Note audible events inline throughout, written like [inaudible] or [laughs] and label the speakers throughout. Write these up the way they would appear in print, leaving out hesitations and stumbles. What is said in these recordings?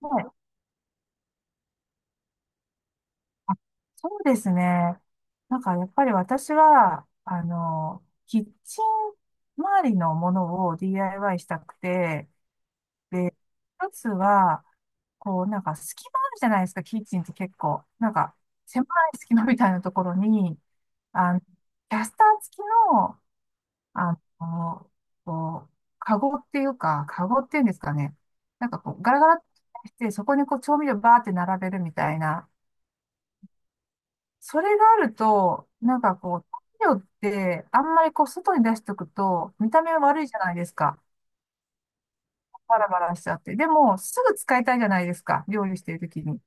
Speaker 1: はい。あ、そうですね。やっぱり私は、キッチン周りのものを DIY したくて、で、一つは、こうなんか隙間あるじゃないですか、キッチンって結構。なんか狭い隙間みたいなところに、キャスター付きの、あの、こう、カゴっていうんですかね。なんかこう、ガラガラってして、そこにこう調味料バーって並べるみたいな、それがあると、なんかこう、太陽ってあんまりこう外に出しとくと見た目悪いじゃないですか。バラバラしちゃって。でも、すぐ使いたいじゃないですか。料理してるときに。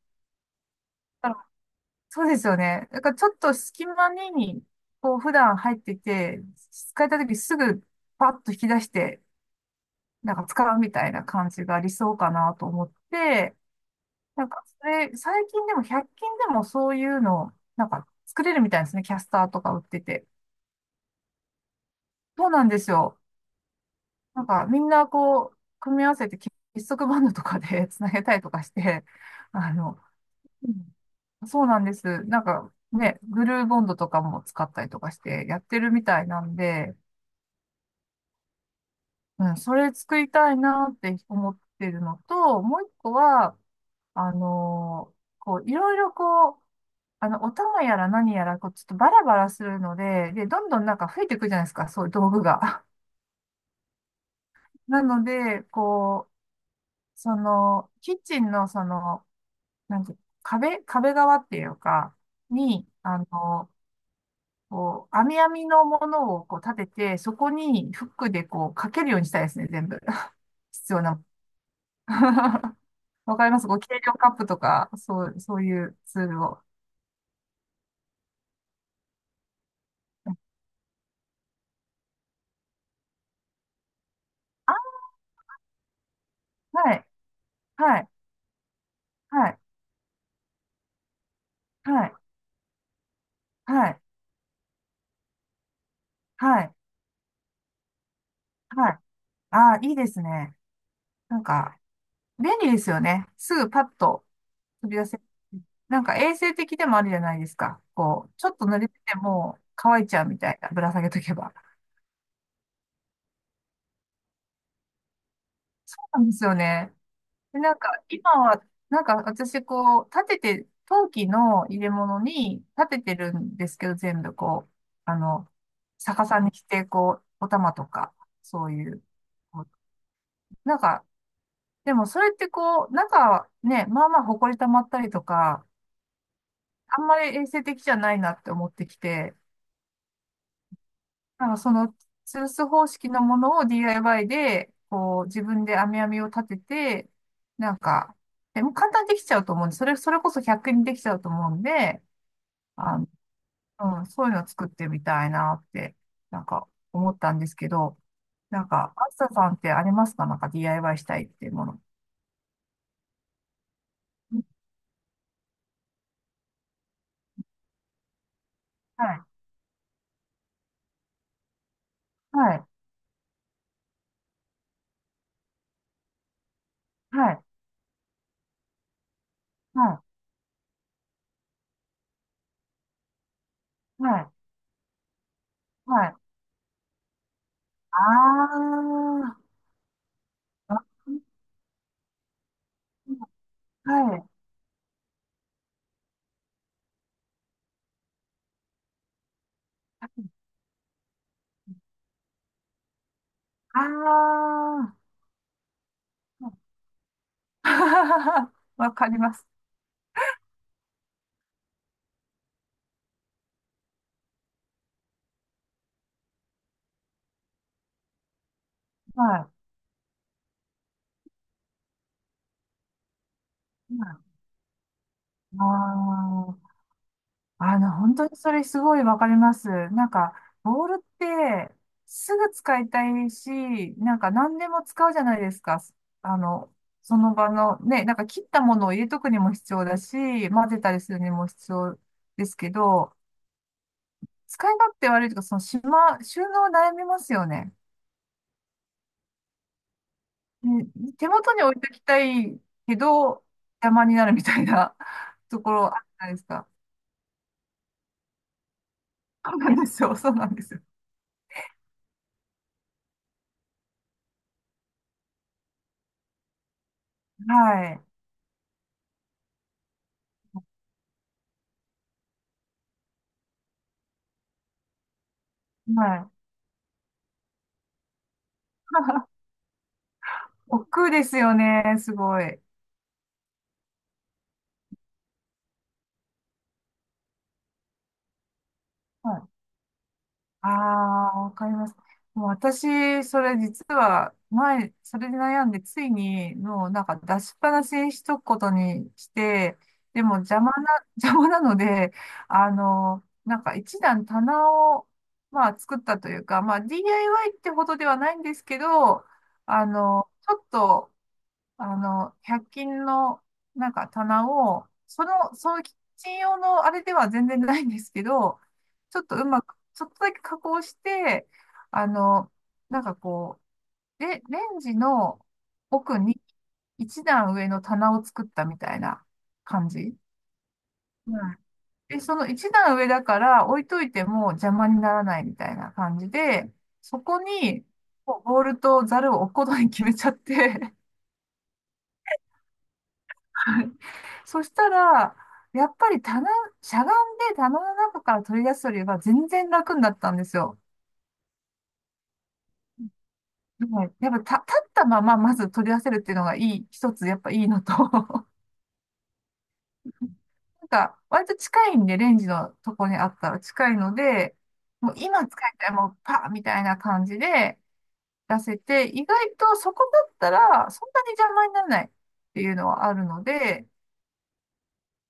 Speaker 1: だからそうですよね。だからちょっと隙間に、こう普段入ってて、使いたいときすぐパッと引き出して、なんか使うみたいな感じが理想かなと思って、なんかそれ、最近でも100均でもそういうの、なんか作れるみたいですね。キャスターとか売ってて。そうなんですよ。なんかみんなこう、組み合わせて結束バンドとかで [laughs] つなげたりとかして、あの、うんそうなんです。なんかね、グルーボンドとかも使ったりとかしてやってるみたいなんで、うん、それ作りたいなって思ってるのと、もう一個は、あのこう、いろいろこう、あの、お玉やら何やら、こう、ちょっとバラバラするので、で、どんどんなんか増えていくじゃないですか、そういう道具が。[laughs] なので、こう、キッチンのその、なんか壁側っていうか、に、こう、網網のものをこう立てて、そこにフックでこうかけるようにしたいですね、全部。[laughs] 必要な。[laughs] わかりますこう、計量カップとか、そう、そういうツールを。あ、はい、はい、はい、はい、はい、はい、はい。ああ、いいですね。なんか、便利ですよね。すぐパッと飛び出せ、なんか衛生的でもあるじゃないですか。こう、ちょっと濡れてても乾いちゃうみたいな、ぶら下げとけば。そうなんですよね。で、なんか今は、なんか私こう、立てて、陶器の入れ物に立ててるんですけど、全部こう、あの、逆さにして、こう、お玉とか、そういう、こうなんか、でもそれってこう、中はね、まあまあ埃溜まったりとか、あんまり衛生的じゃないなって思ってきて、なんかその、吊るす方式のものを DIY で、こう、自分で編み編みを立てて、なんか、でも簡単にできちゃうと思うんで、それこそ100均にできちゃうと思うんで、あの、うん、そういうのを作ってみたいなって、なんか思ったんですけど、なんか、あずささんってありますかなんか DIY したいっていうもの。はい、はい、はい、はい、はい、はい。あー、あはい、はいあー、[laughs] わかります。はい。はい、ああ、本当にそれすごいわかります。なんか、ボールってすぐ使いたいし、なんか何でも使うじゃないですか。あの、その場のね、なんか切ったものを入れとくにも必要だし、混ぜたりするにも必要ですけど、使い勝手悪いとか、そのしま、収納悩みますよね。ね手元に置いときたいけど、邪魔になるみたいな [laughs] ところあるじゃないですか。そうなんですよ。[laughs] そうなんですよ。はい。はい。[laughs] 億劫ですよね。すごい。はい。ああ、わかります。もう私、それ実は前、それで悩んで、ついに、もうなんか出しっぱなしにしとくことにして、でも邪魔な、[laughs] 邪魔なので、なんか一段棚を、まあ作ったというか、まあ DIY ってほどではないんですけど、あの、ちょっとあの、100均のなんか棚を、そのキッチン用のあれでは全然ないんですけど、ちょっとうまく、ちょっとだけ加工して、あの、なんかこう、レンジの奥に一段上の棚を作ったみたいな感じ。うん。で、その一段上だから置いといても邪魔にならないみたいな感じで、そこにもうボールとザルを置くことに決めちゃって [laughs] そしたら、やっぱり棚、しゃがんで棚の中から取り出すよりは全然楽になったんですよ。はい、やっぱた立ったまままず取り出せるっていうのがいい、一つやっぱいいのと、[laughs] なんか割と近いんで、レンジのとこにあったら近いので、もう今使いたい、もうパーみたいな感じで出せて、意外とそこだったらそんなに邪魔にならないっていうのはあるので、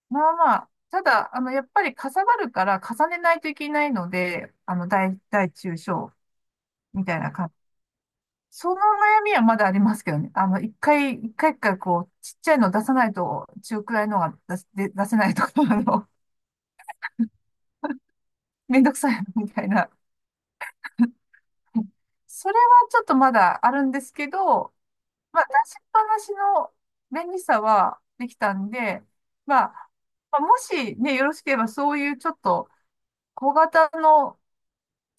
Speaker 1: まあ、ただ、やっぱりかさばるから重ねないといけないので、大中小みたいな感じ。その悩みはまだありますけどね。一回こう、ちっちゃいの出さないと、中くらいのが出せ、で出せないとか、[laughs] あの、[laughs] めんどくさいみたいな。それはちょっとまだあるんですけど、まあ、出しっぱなしの便利さはできたんで、まあ、まあ、もしね、よろしければそういうちょっと小型の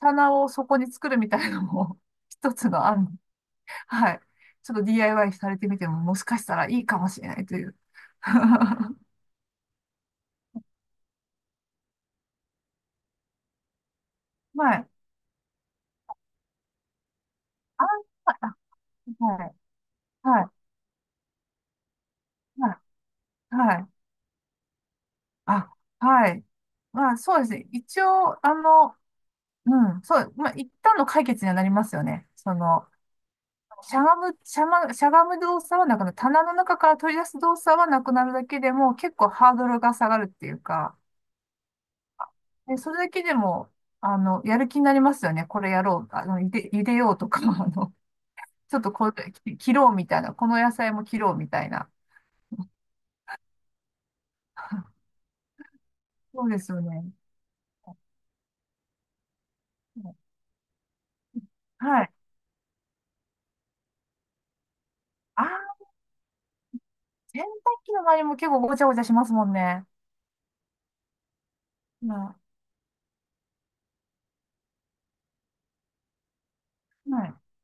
Speaker 1: 棚をそこに作るみたいのも [laughs] 一つの案。はい。ちょっと DIY されてみてももしかしたらいいかもしれないという。[laughs] はい。あ、あはい。はい。はい。はい。あ、はい。まあそうですね。一応、うん、そう、まあ一旦の解決にはなりますよね。その、しゃがむ動作はなくなる。棚の中から取り出す動作はなくなるだけでも結構ハードルが下がるっていうか、で、それだけでも、やる気になりますよね。これやろう。ゆでようとか、[laughs] ちょっとこれ切ろうみたいな。この野菜も切ろうみたいな。[laughs] そうですよね。はい。ああ、洗濯機の周りも結構ごちゃごちゃしますもんね。うんはい。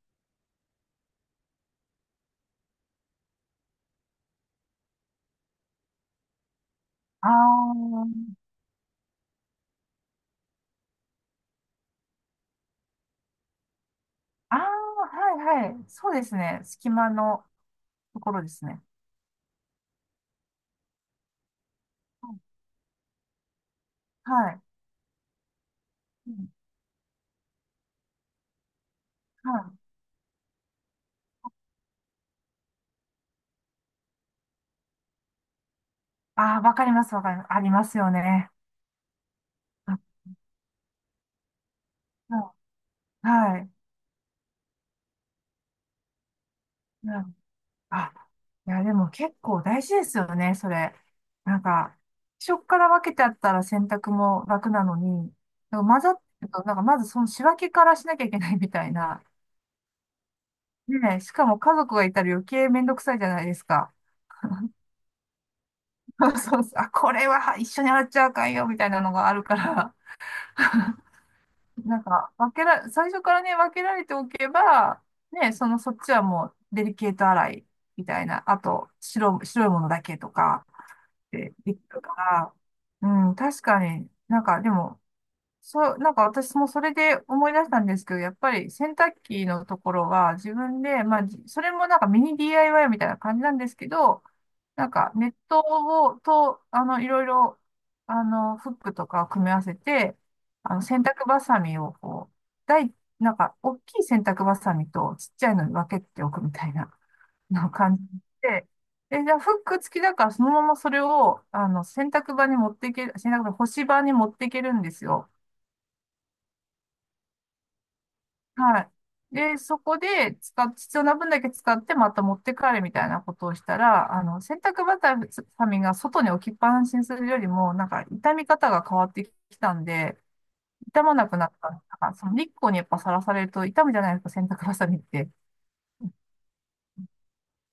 Speaker 1: ああ、ああ、はいはい。そうですね。隙間のところですね。はい。うんはい。ああ、わかります、わかります。ありますよね。あはい。はい。あ、いや、でも結構大事ですよね、それ。なんか、最初から分けてあったら洗濯も楽なのに、でも混ざってると、なんかまずその仕分けからしなきゃいけないみたいな。ねえ、しかも家族がいたら余計めんどくさいじゃないですか。[laughs] そあ、これは一緒に洗っちゃあかんよ、みたいなのがあるから。[laughs] なんか、分けら、最初からね、分けられておけば、ねえ、その、そっちはもう、デリケート洗いみたいな、あと、白いものだけとか、ってできるから、うん、確かに、なんかでも、そう、なんか私もそれで思い出したんですけど、やっぱり洗濯機のところは自分で、まあ、それもなんかミニ DIY みたいな感じなんですけど、なんかネットを、と、あの、いろいろ、あの、フックとかを組み合わせて、洗濯バサミをこう、大、なんか、大きい洗濯バサミとちっちゃいのに分けておくみたいな。の感じで、で、じゃあフック付きだからそのままそれを、洗濯場、干し場に持っていけるんですよ。はい。で、そこで使っ、必要な分だけ使ってまた持って帰るみたいなことをしたら、洗濯バサミが外に置きっぱなしにするよりも、なんか傷み方が変わってきたんで、傷まなくなった。なんかその日光にやっぱさらされると傷むじゃないですか、洗濯バサミって。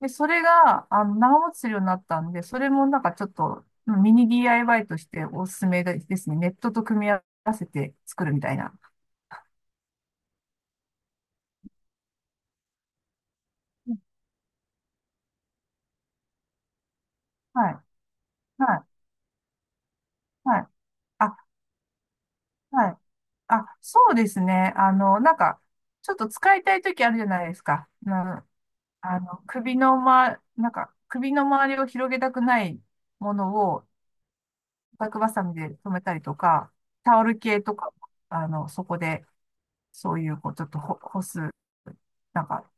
Speaker 1: で、それが、長持ちするようになったんで、それもなんかちょっと、うんミニ DIY としておすすめですね。ネットと組み合わせて作るみたいな。うんはい、はい、はい。あ、はい。あ、そうですね。ちょっと使いたい時あるじゃないですか。なあの、首のま、なんか、首の周りを広げたくないものを、バックバサミで留めたりとか、タオル系とか、そこでそういう、こう、ちょっと干す、なんか、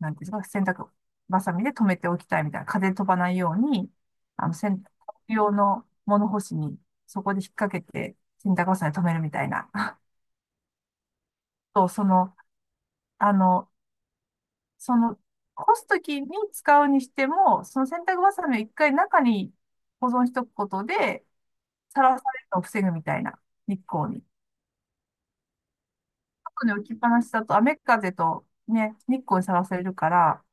Speaker 1: なんていうんですか、洗濯バサミで留めておきたいみたいな、風飛ばないように、洗濯用の物干しに、そこで引っ掛けて、洗濯バサミで留めるみたいな。[laughs] と、その、あの、その、干すときに使うにしても、その洗濯バサミを一回中に保存しとくことで、さらされるのを防ぐみたいな、日光に。後に置きっぱなしだと雨風とね、日光にさらされるから、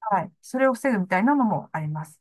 Speaker 1: はい。それを防ぐみたいなのもあります。